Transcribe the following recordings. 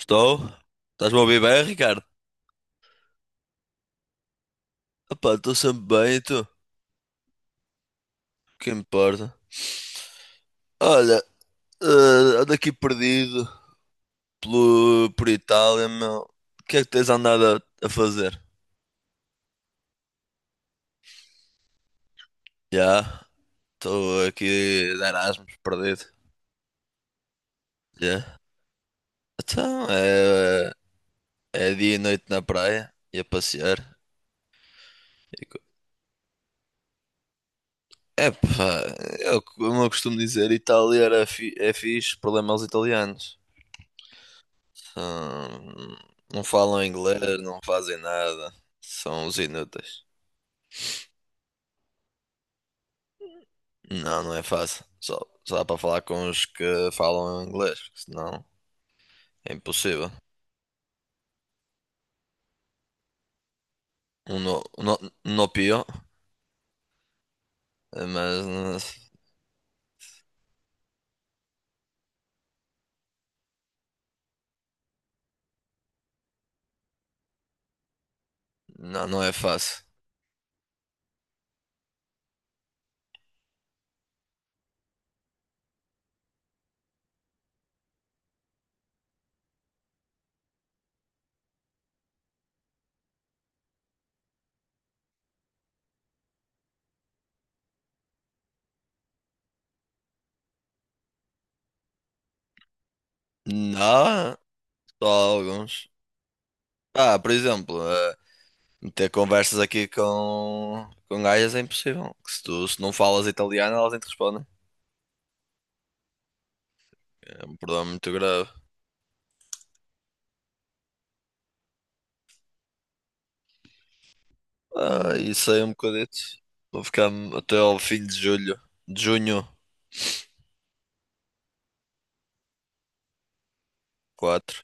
Estou? Estás-me a ouvir bem, Ricardo? Epá, estou sempre bem, e tu? O que importa? Olha, ando aqui perdido por Itália, meu. O que é que tens andado a fazer? Já, estou aqui de Erasmus, perdido. Já. Então, é dia e noite na praia, e a passear. E co- Epá, como eu costumo dizer, é fixe, problema aos italianos. Hum, não falam inglês, não fazem nada. São os inúteis. Não, não é fácil. Só dá para falar com os que falam inglês, porque senão é impossível. Um no, um no, um no pior, mas não, não é fácil. Não, só alguns. Ah, por exemplo, ter conversas aqui com gajas é impossível. Que Se tu se não falas italiano, elas nem te respondem. É um problema muito grave. Ah, isso aí é um bocadito. Vou ficar até ao fim de julho. De junho 4.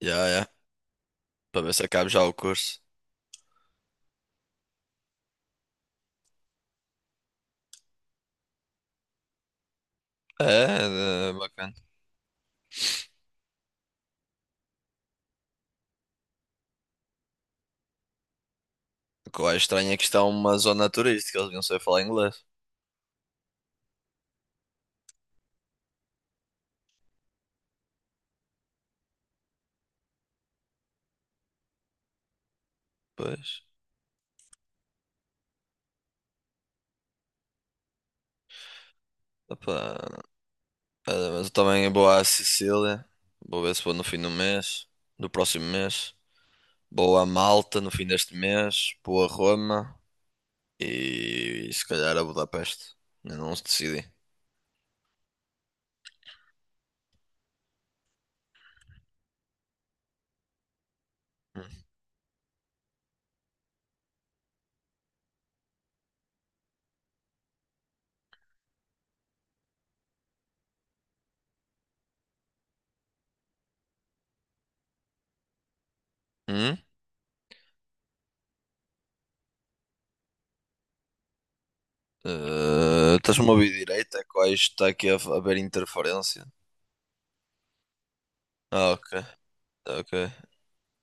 Já, é. Para ver se acabo já o curso. É, é bacana. O que eu acho estranho é que isto é uma zona turística, eles não sei falar inglês. Pois. Opa. É, mas eu também vou à Sicília. Vou ver se vou no fim do mês. Do próximo mês. Vou a Malta no fim deste mês. Vou a Roma. E se calhar a Budapeste. Ainda não se decidi. Hum? Eh, estás-me a ouvir direito? É que hoje está aqui a haver interferência. Ah, ok. Tá, ok.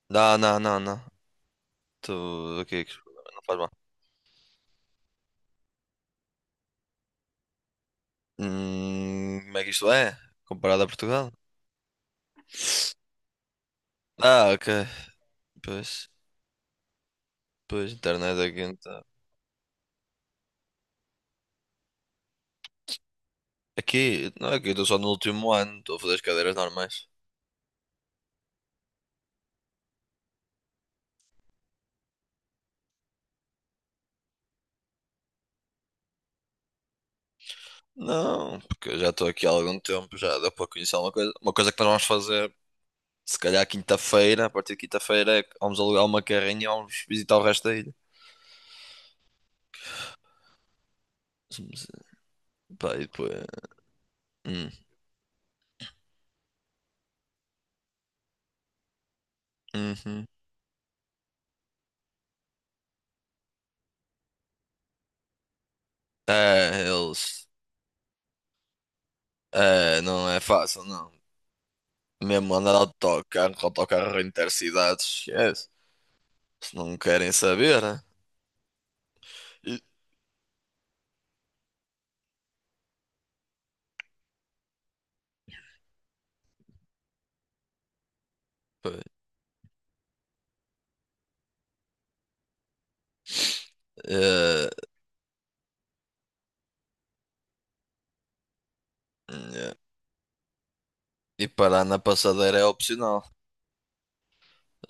Não, não, não, não. Tu, ok, que problema, não faz mal. Como é que isto é? Comparado a Portugal? Ah, ok. Pois, pois, internet aqui então. Aqui, não, aqui eu estou só no último ano, estou a fazer as cadeiras normais. Não, porque eu já estou aqui há algum tempo, já deu para conhecer uma coisa. Uma coisa que nós vamos fazer, se calhar quinta-feira, a partir de quinta-feira, é que vamos alugar uma carrinha e vamos visitar o resto da ilha. Pá, e depois, hum, uhum. É, eles. É, não é fácil, não. Mesmo andar de autocarro, com autocarro intercidades, esquece. Se não querem saber, né? E, pois. É, é. E parar na passadeira é opcional.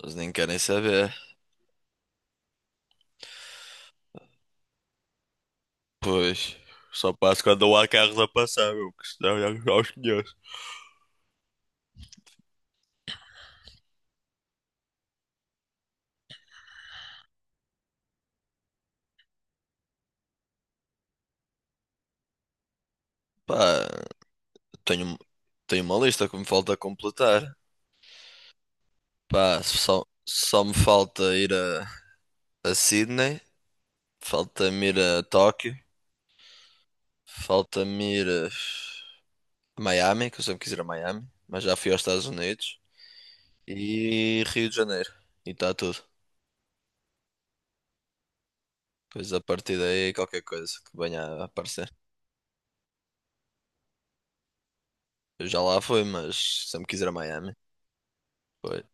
Eles nem querem saber. Pois. Só passo quando não há carros a passar, meu, que senão já os conheço. Pá, tenho, tenho uma lista que me falta completar. Pá, só me falta ir a Sydney. Falta-me ir a Tóquio. Falta-me ir a Miami, que eu sempre quis ir a Miami, mas já fui aos Estados Unidos. E Rio de Janeiro. E está tudo. Pois a partir daí, qualquer coisa que venha a aparecer. Eu já lá fui, mas sempre quis ir a Miami. Foi.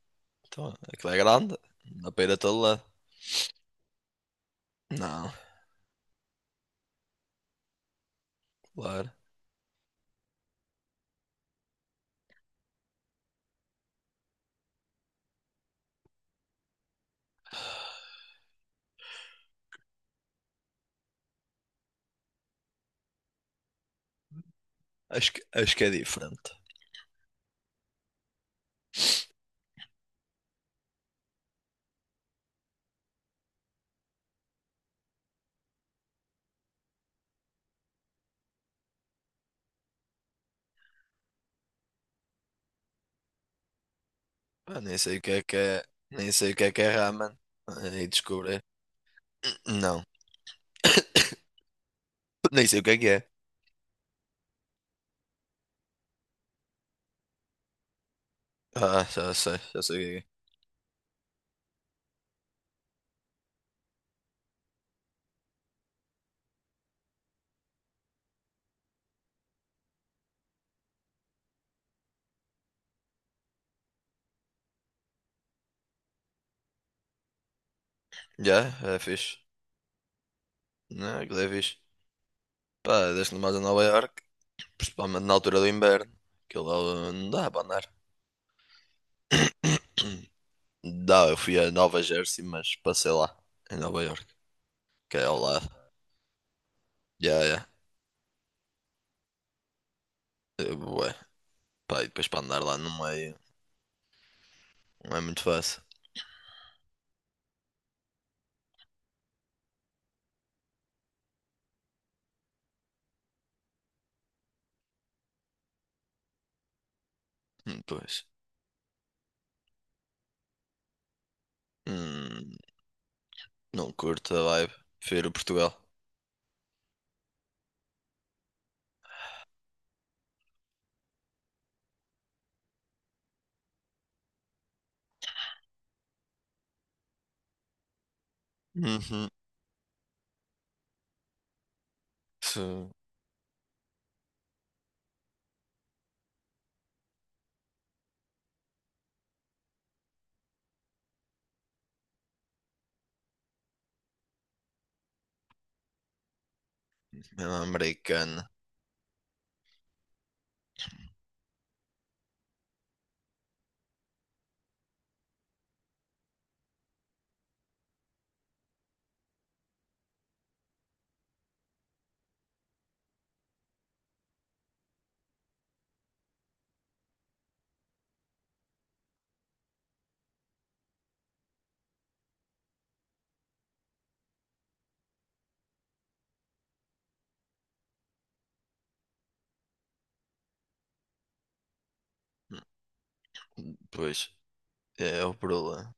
Então, aquilo é grande. Não dá para ir a todo lado. Não, claro. Acho que é diferente. Ah, nem sei o que é que é. Nem sei o que é ramen. Aí descobri. Não. Nem sei o que é que é. Ah, já sei o que é. Já, é fixe. Não, aquilo é fixe. Pá, desde mais a Nova Iorque, principalmente na altura do inverno, aquilo lá, não dá para andar. Dá, eu fui a Nova Jersey, mas passei lá, em Nova Iorque, que é ao lado. Já, já. Eh, Ué, pá, e depois para andar lá no meio, não é muito fácil. Pois. Hum, não curto a vibe. Prefiro Portugal. Uhum. Se é uma americana. Pois, é o problema.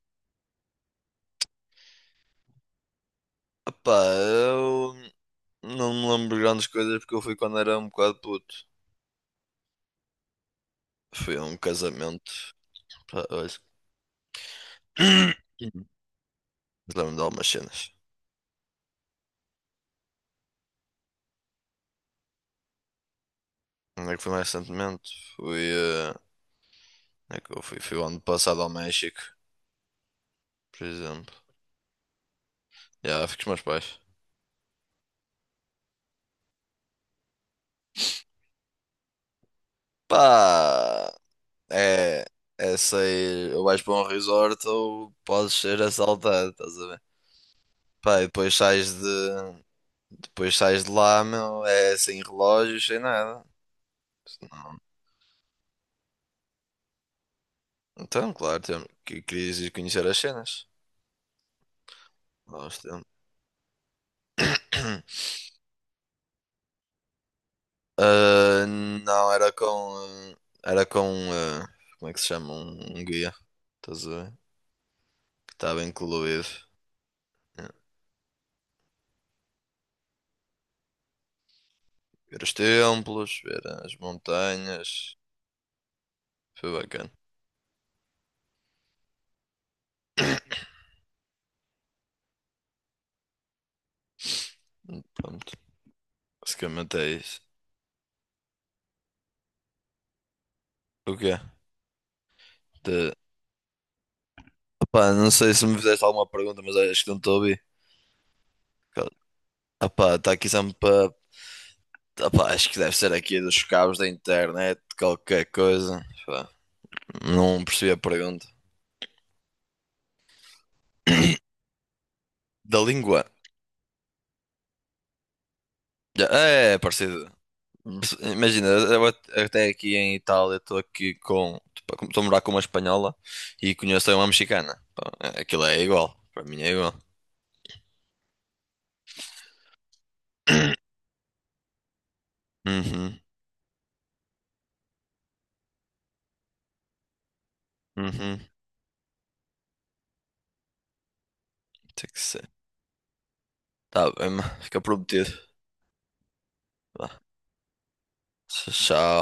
Opá, eu. Não me lembro de grandes coisas porque eu fui quando era um bocado puto. Foi a um casamento. Pá, olha. Mas lembro-me de algumas cenas. Onde é que fui mais recentemente? Fui, onde é que eu fui? Fui o ano passado ao México, por exemplo. Já, fui com os meus pais. Pá! É. É sair. Ou vais para um resort ou podes ser assaltado, estás a ver? Pá, e depois sais de. Depois sais de lá, meu. É sem relógios, sem nada. Então, claro, tem- que querias ir conhecer as cenas. Nós temos. Ah, não, era com. Ah, Era com, ah, como é que se chama? Um guia. Estás a ver? Que estava incluído. É. Ver os templos, ver as montanhas. Foi bacana. Pronto. Basicamente é isso. O quê? De... Opá, não sei se me fizeste alguma pergunta, mas acho que não estou a ouvir. Opá, está aqui sempre. Opá, acho que deve ser aqui dos cabos da internet, qualquer coisa. Pá, não percebi a pergunta. Da língua. Já- é, é parecido. Imagina, eu at- até aqui em Itália estou aqui com. Estou a morar com uma espanhola e conheço uma mexicana. Pá, é- aquilo é igual. Para mim é igual. Uhum, uhum. Tem que ser. Tá bem, mano, fica prometido. Vá. Tchau.